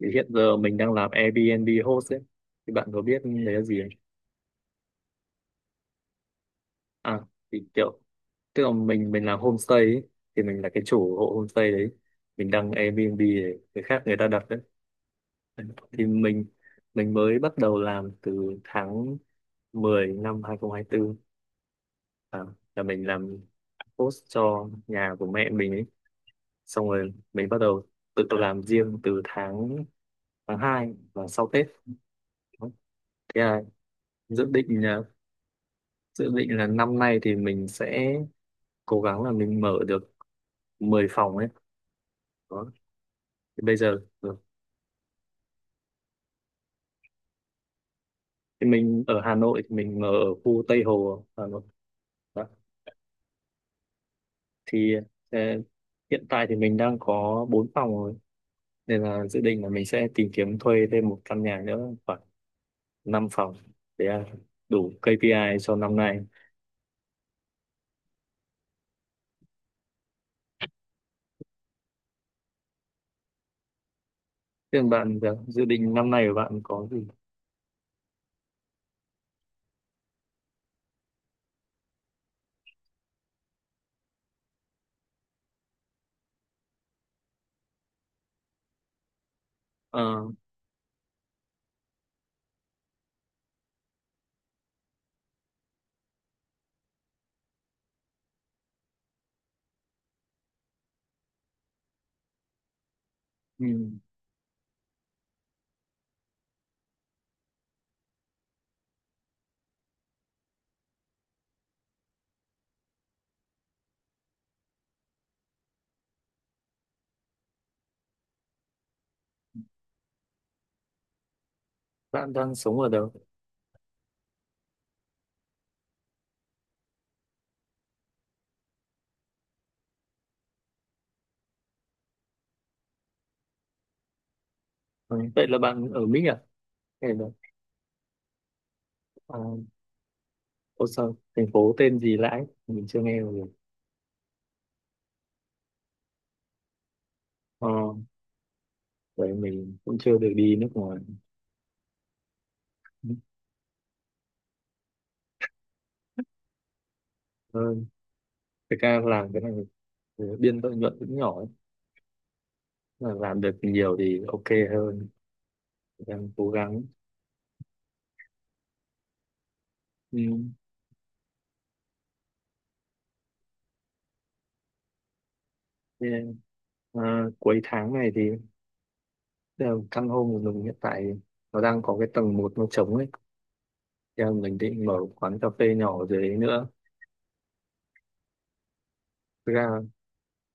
Thì hiện giờ mình đang làm Airbnb host ấy, thì bạn có biết đấy là gì không? À, thì kiểu, tức là mình làm homestay ấy, thì mình là cái chủ hộ homestay đấy, mình đăng Airbnb để người khác, người ta đặt đấy. Thì mình mới bắt đầu làm từ tháng 10 năm 2024. À, là mình làm host cho nhà của mẹ mình ấy. Xong rồi mình bắt đầu tự làm riêng từ tháng tháng 2 và sau Tết. Thế là dự định là dự định là năm nay thì mình sẽ cố gắng là mình mở được 10 phòng ấy. Đó thì bây giờ, ừ. Thì mình ở Hà Nội, thì mình mở ở khu Tây Hồ Hà Nội đó. Thì ờ, hiện tại thì mình đang có 4 phòng rồi, nên là dự định là mình sẽ tìm kiếm thuê thêm một căn nhà nữa khoảng 5 phòng để đủ KPI cho năm nay. Thế còn bạn thì sao? Dự định năm nay của bạn có gì? Ờ, ừ. Bạn đang sống ở đâu? Ừ, vậy là bạn ở Mỹ à, hay là ờ, Ô, sao thành phố tên gì Lãi mình chưa nghe rồi, ờ, vậy mình cũng chưa được đi nước ngoài hơn. Thực ra làm cái này thì biên lợi nhuận cũng nhỏ ấy. Là làm được nhiều thì ok hơn, đang cố gắng, ừ. Thế, à, cuối tháng này thì tức là căn hộ của mình hiện tại nó đang có cái tầng một nó trống ấy. Thế là mình định mở quán cà phê nhỏ ở dưới đấy nữa. Thực ra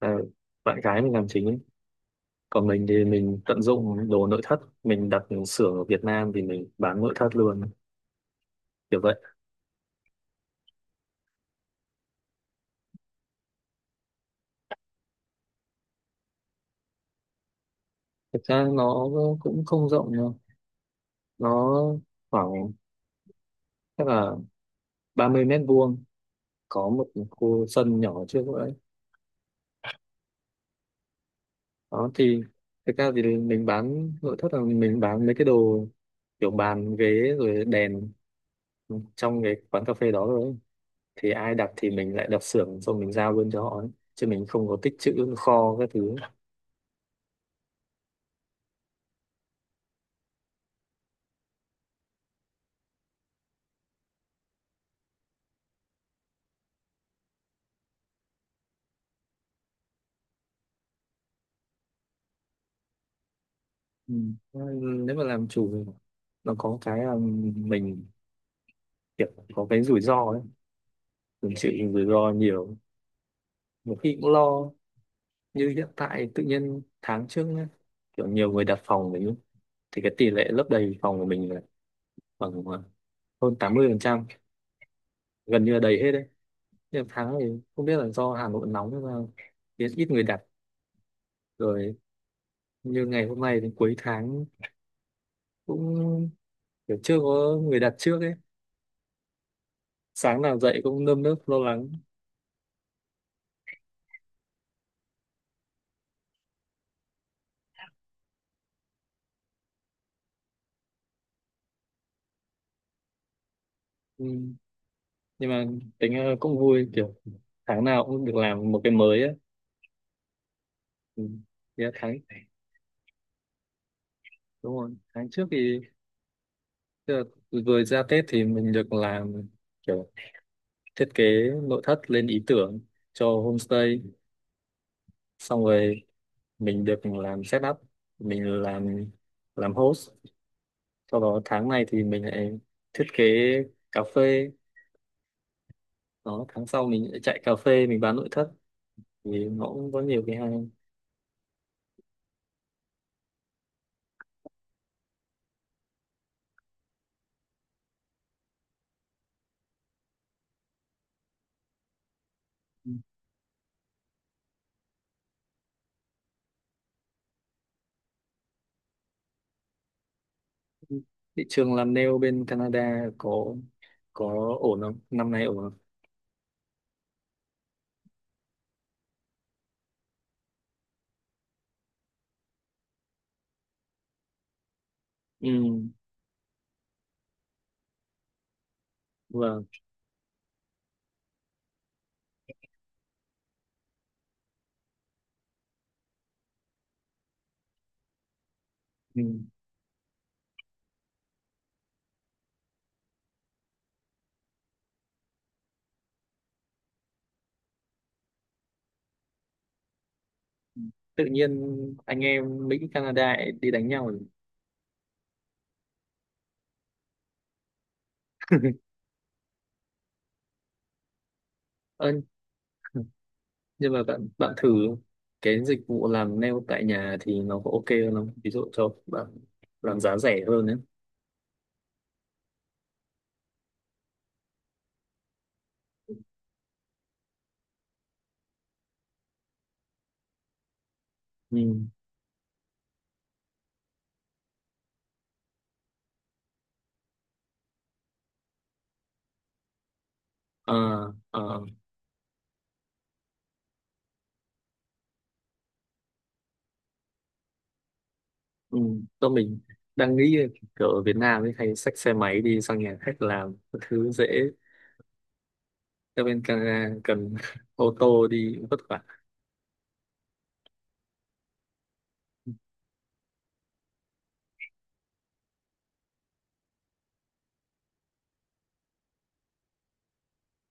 là bạn gái mình làm chính ấy, còn mình thì mình tận dụng đồ nội thất, mình đặt xưởng ở Việt Nam thì mình bán nội thất luôn, kiểu vậy. Thực ra nó cũng không rộng đâu, nó khoảng chắc là 30 mét vuông, có một khu sân nhỏ trước đấy. Đó thì thực ra thì mình bán nội thất là mình bán mấy cái đồ kiểu bàn ghế rồi đèn trong cái quán cà phê đó rồi ấy. Thì ai đặt thì mình lại đặt xưởng, xong mình giao luôn cho họ ấy. Chứ mình không có tích trữ kho các thứ. Ừ. Nếu mà làm chủ nó có cái là, mình kiểu có cái rủi ro ấy, mình chịu rủi ro nhiều, một khi cũng lo. Như hiện tại tự nhiên tháng trước nhá, kiểu nhiều người đặt phòng mình ấy, thì cái tỷ lệ lấp đầy phòng của mình là khoảng, hơn 80%, gần như là đầy hết đấy. Nhưng tháng này không biết là do Hà Nội nóng hay sao, biết ít người đặt rồi. Như ngày hôm nay đến cuối tháng cũng kiểu chưa có người đặt trước ấy. Sáng nào dậy cũng nơm nớp lo lắng. Ừ. Nhưng mà tính ra cũng vui, kiểu tháng nào cũng được làm một cái mới á. Ừ. Thì đúng rồi, tháng trước thì tức là vừa ra Tết thì mình được làm kiểu thiết kế nội thất, lên ý tưởng cho homestay. Xong rồi mình được làm setup, mình làm host. Sau đó tháng này thì mình lại thiết kế cà phê. Đó, tháng sau mình lại chạy cà phê, mình bán nội thất, thì nó cũng có nhiều cái hay. Ừ. Thị trường làm nail bên Canada có ổn không, năm nay ổn không? Ừ, vâng, ừ. Tự nhiên anh em Mỹ Canada lại đi đánh nhau rồi. Ơ, nhưng mà bạn bạn thử cái dịch vụ làm nail tại nhà thì nó có ok hơn không? Ví dụ cho bạn làm giá rẻ hơn đấy. Ừ. À, à, ừ. Mình đang nghĩ kiểu ở Việt Nam ấy hay xách xe máy đi sang nhà khách làm thứ dễ, ở bên Canada cần ô tô đi vất vả.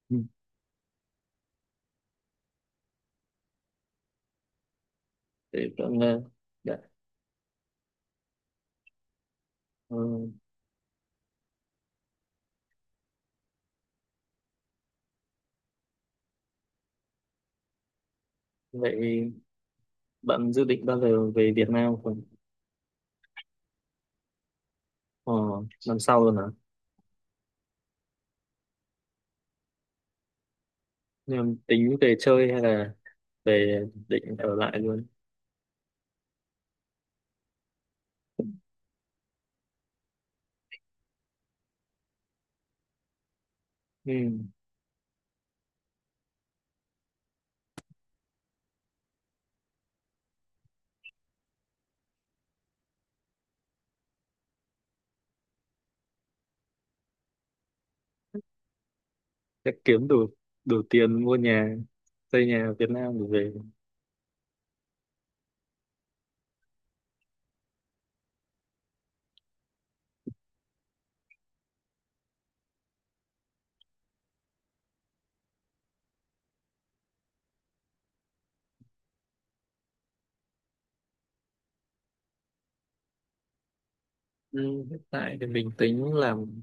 Ừ. Thế bạn, đã, ờ, vậy bạn dự định bao giờ về Việt Nam khoảng ờ, năm sau luôn hả? Nhưng tính về chơi hay là về định ở lại luôn? Ừ. Chắc kiếm đủ đủ tiền mua nhà, xây nhà ở Việt Nam để về. Ừ. Hiện tại thì mình tính làm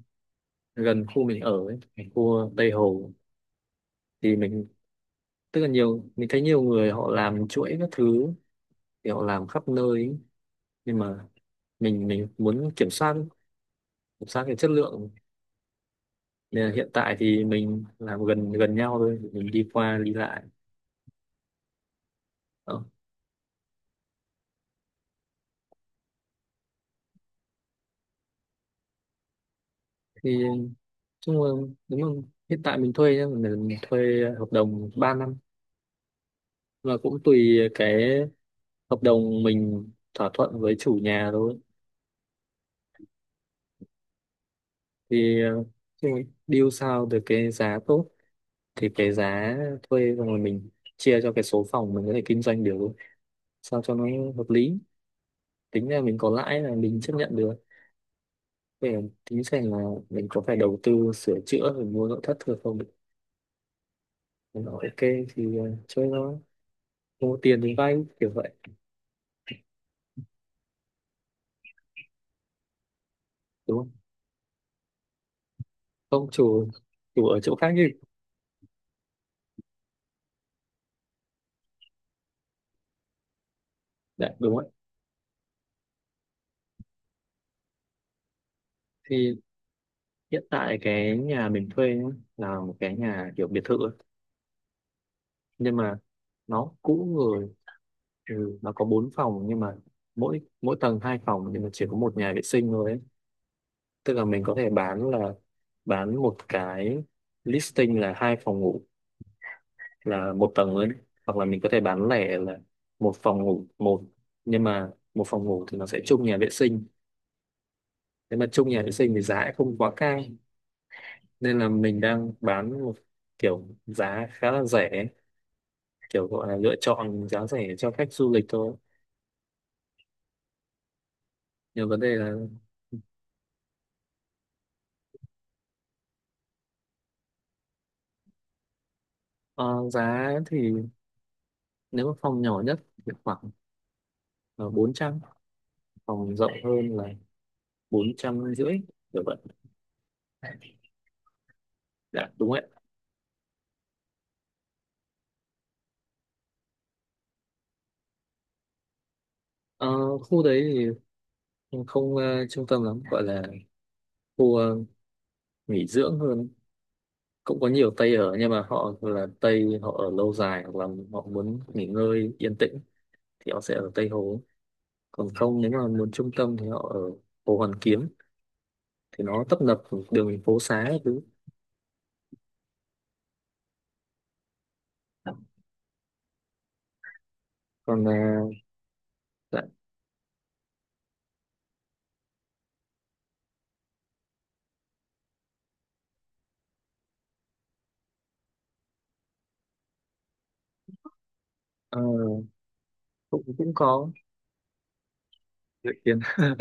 gần khu mình ở ấy, cái khu Tây Hồ, thì mình tức là mình thấy nhiều người họ làm chuỗi các thứ, thì họ làm khắp nơi ấy. Nhưng mà mình muốn kiểm soát, kiểm soát cái chất lượng. Nên là hiện tại thì mình làm gần gần nhau thôi, mình đi qua đi lại. Đó. Thì chung là đúng không? Hiện tại mình thuê nhá, mình thuê hợp đồng 3 năm và cũng tùy cái hợp đồng mình thỏa thuận với chủ nhà thôi. Thì chung là deal sao được cái giá tốt, thì cái giá thuê xong rồi mình chia cho cái số phòng mình có thể kinh doanh được sao cho nó hợp lý. Tính là mình có lãi là mình chấp nhận được. Để tính xem là mình có phải đầu tư sửa chữa rồi mua nội thất thừa không. Mình bảo ok thì chơi thôi, mua tiền thì vay kiểu vậy. Đúng không, không chủ chủ ở chỗ khác đi. Dạ, đúng rồi. Thì hiện tại cái nhà mình thuê nhá, là một cái nhà kiểu biệt thự ấy. Nhưng mà nó cũ rồi. Ừ, nó có bốn phòng nhưng mà mỗi mỗi tầng hai phòng, nhưng mà chỉ có một nhà vệ sinh thôi ấy. Tức là mình có thể bán một cái listing là hai phòng ngủ, là một tầng thôi đấy. Hoặc là mình có thể bán lẻ là một phòng ngủ một, nhưng mà một phòng ngủ thì nó sẽ chung nhà vệ sinh. Nếu mà chung nhà vệ sinh thì giá cũng không quá cao, nên là mình đang bán một kiểu giá khá là rẻ, kiểu gọi là lựa chọn giá rẻ cho khách du lịch thôi. Nhưng vấn đề là ờ, giá thì nếu mà phòng nhỏ nhất thì khoảng 400, phòng rộng hơn là 450, kiểu vậy. Dạ đúng ạ. Ờ, khu đấy thì không trung tâm lắm, gọi là khu nghỉ dưỡng hơn, cũng có nhiều Tây ở nhưng mà họ là Tây họ ở lâu dài hoặc là họ muốn nghỉ ngơi yên tĩnh thì họ sẽ ở Tây Hồ. Còn không nếu mà muốn trung tâm thì họ ở Hồ Hoàn Kiếm, thì nó tấp nập đường phố xá các thứ. Còn à, dạ, ờ, cũng cũng có dự kiến.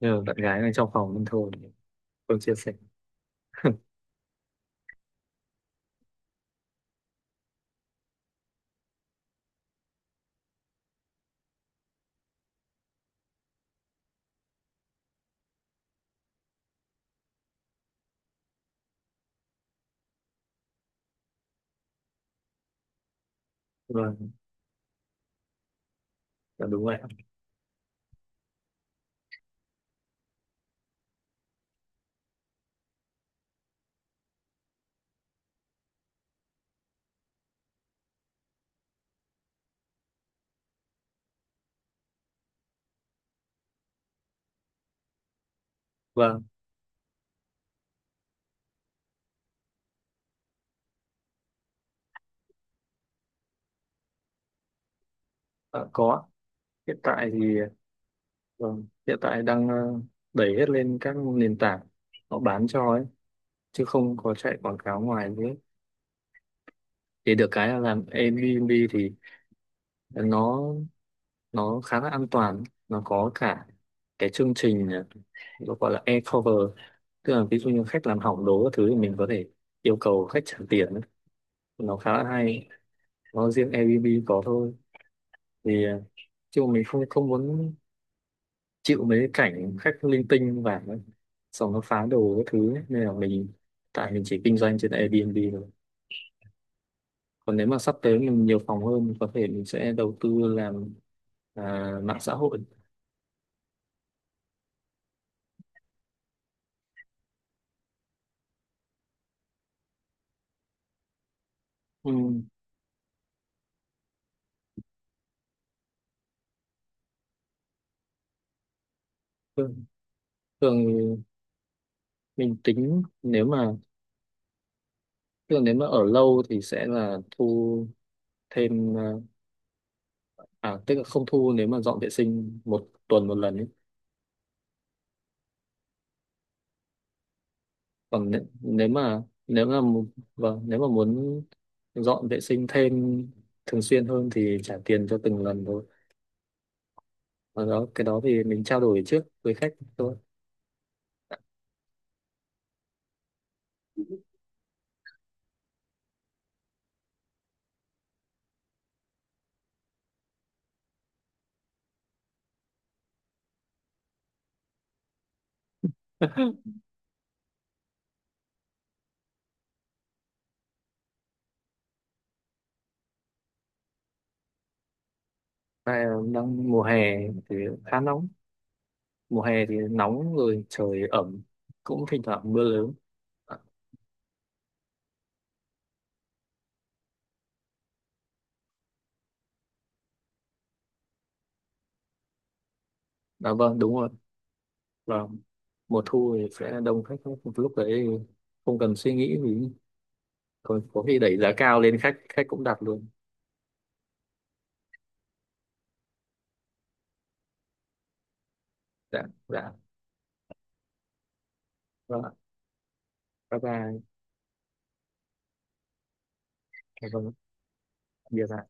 Nhờ bạn gái này trong phòng nên thôi không chia sẻ. Vâng, là đúng vậy. Vâng. À, có. Hiện tại thì vâng, hiện tại đang đẩy hết lên các nền tảng họ bán cho ấy, chứ không có chạy quảng cáo ngoài nữa. Thì được cái là làm Airbnb thì nó nó khá là an toàn, nó có cả cái chương trình, nó gọi là air cover. Tức là ví dụ như khách làm hỏng đồ các thứ thì mình có thể yêu cầu khách trả tiền ấy. Nó khá là hay, nó riêng Airbnb có thôi. Thì chứ mà mình không không muốn chịu mấy cái cảnh khách linh tinh và xong nó phá đồ các thứ ấy. Nên là mình, tại mình chỉ kinh doanh trên Airbnb thôi. Còn nếu mà sắp tới mình nhiều phòng hơn mình có thể mình sẽ đầu tư làm, à, mạng xã hội. Ừ. thường, thường mình tính nếu mà thường nếu mà ở lâu thì sẽ là thu thêm, à, à, tức là không thu nếu mà dọn vệ sinh một tuần một lần ấy. Còn nếu, nếu mà mu- vâng nếu mà muốn dọn vệ sinh thêm thường xuyên hơn thì trả tiền cho từng lần thôi. Và đó, cái đó thì mình trao đổi trước với khách thôi. Tại đang mùa hè thì khá nóng, mùa hè thì nóng rồi trời ẩm, cũng thỉnh thoảng mưa lớn. À, dạ vâng đúng rồi. Và mùa thu thì sẽ đông khách hơn. Lúc đấy không cần suy nghĩ gì, có khi đẩy giá cao lên, khách khách cũng đặt luôn. Dạ dạ, vâng. Bye bye. Dạ vâng. Biệt ạ.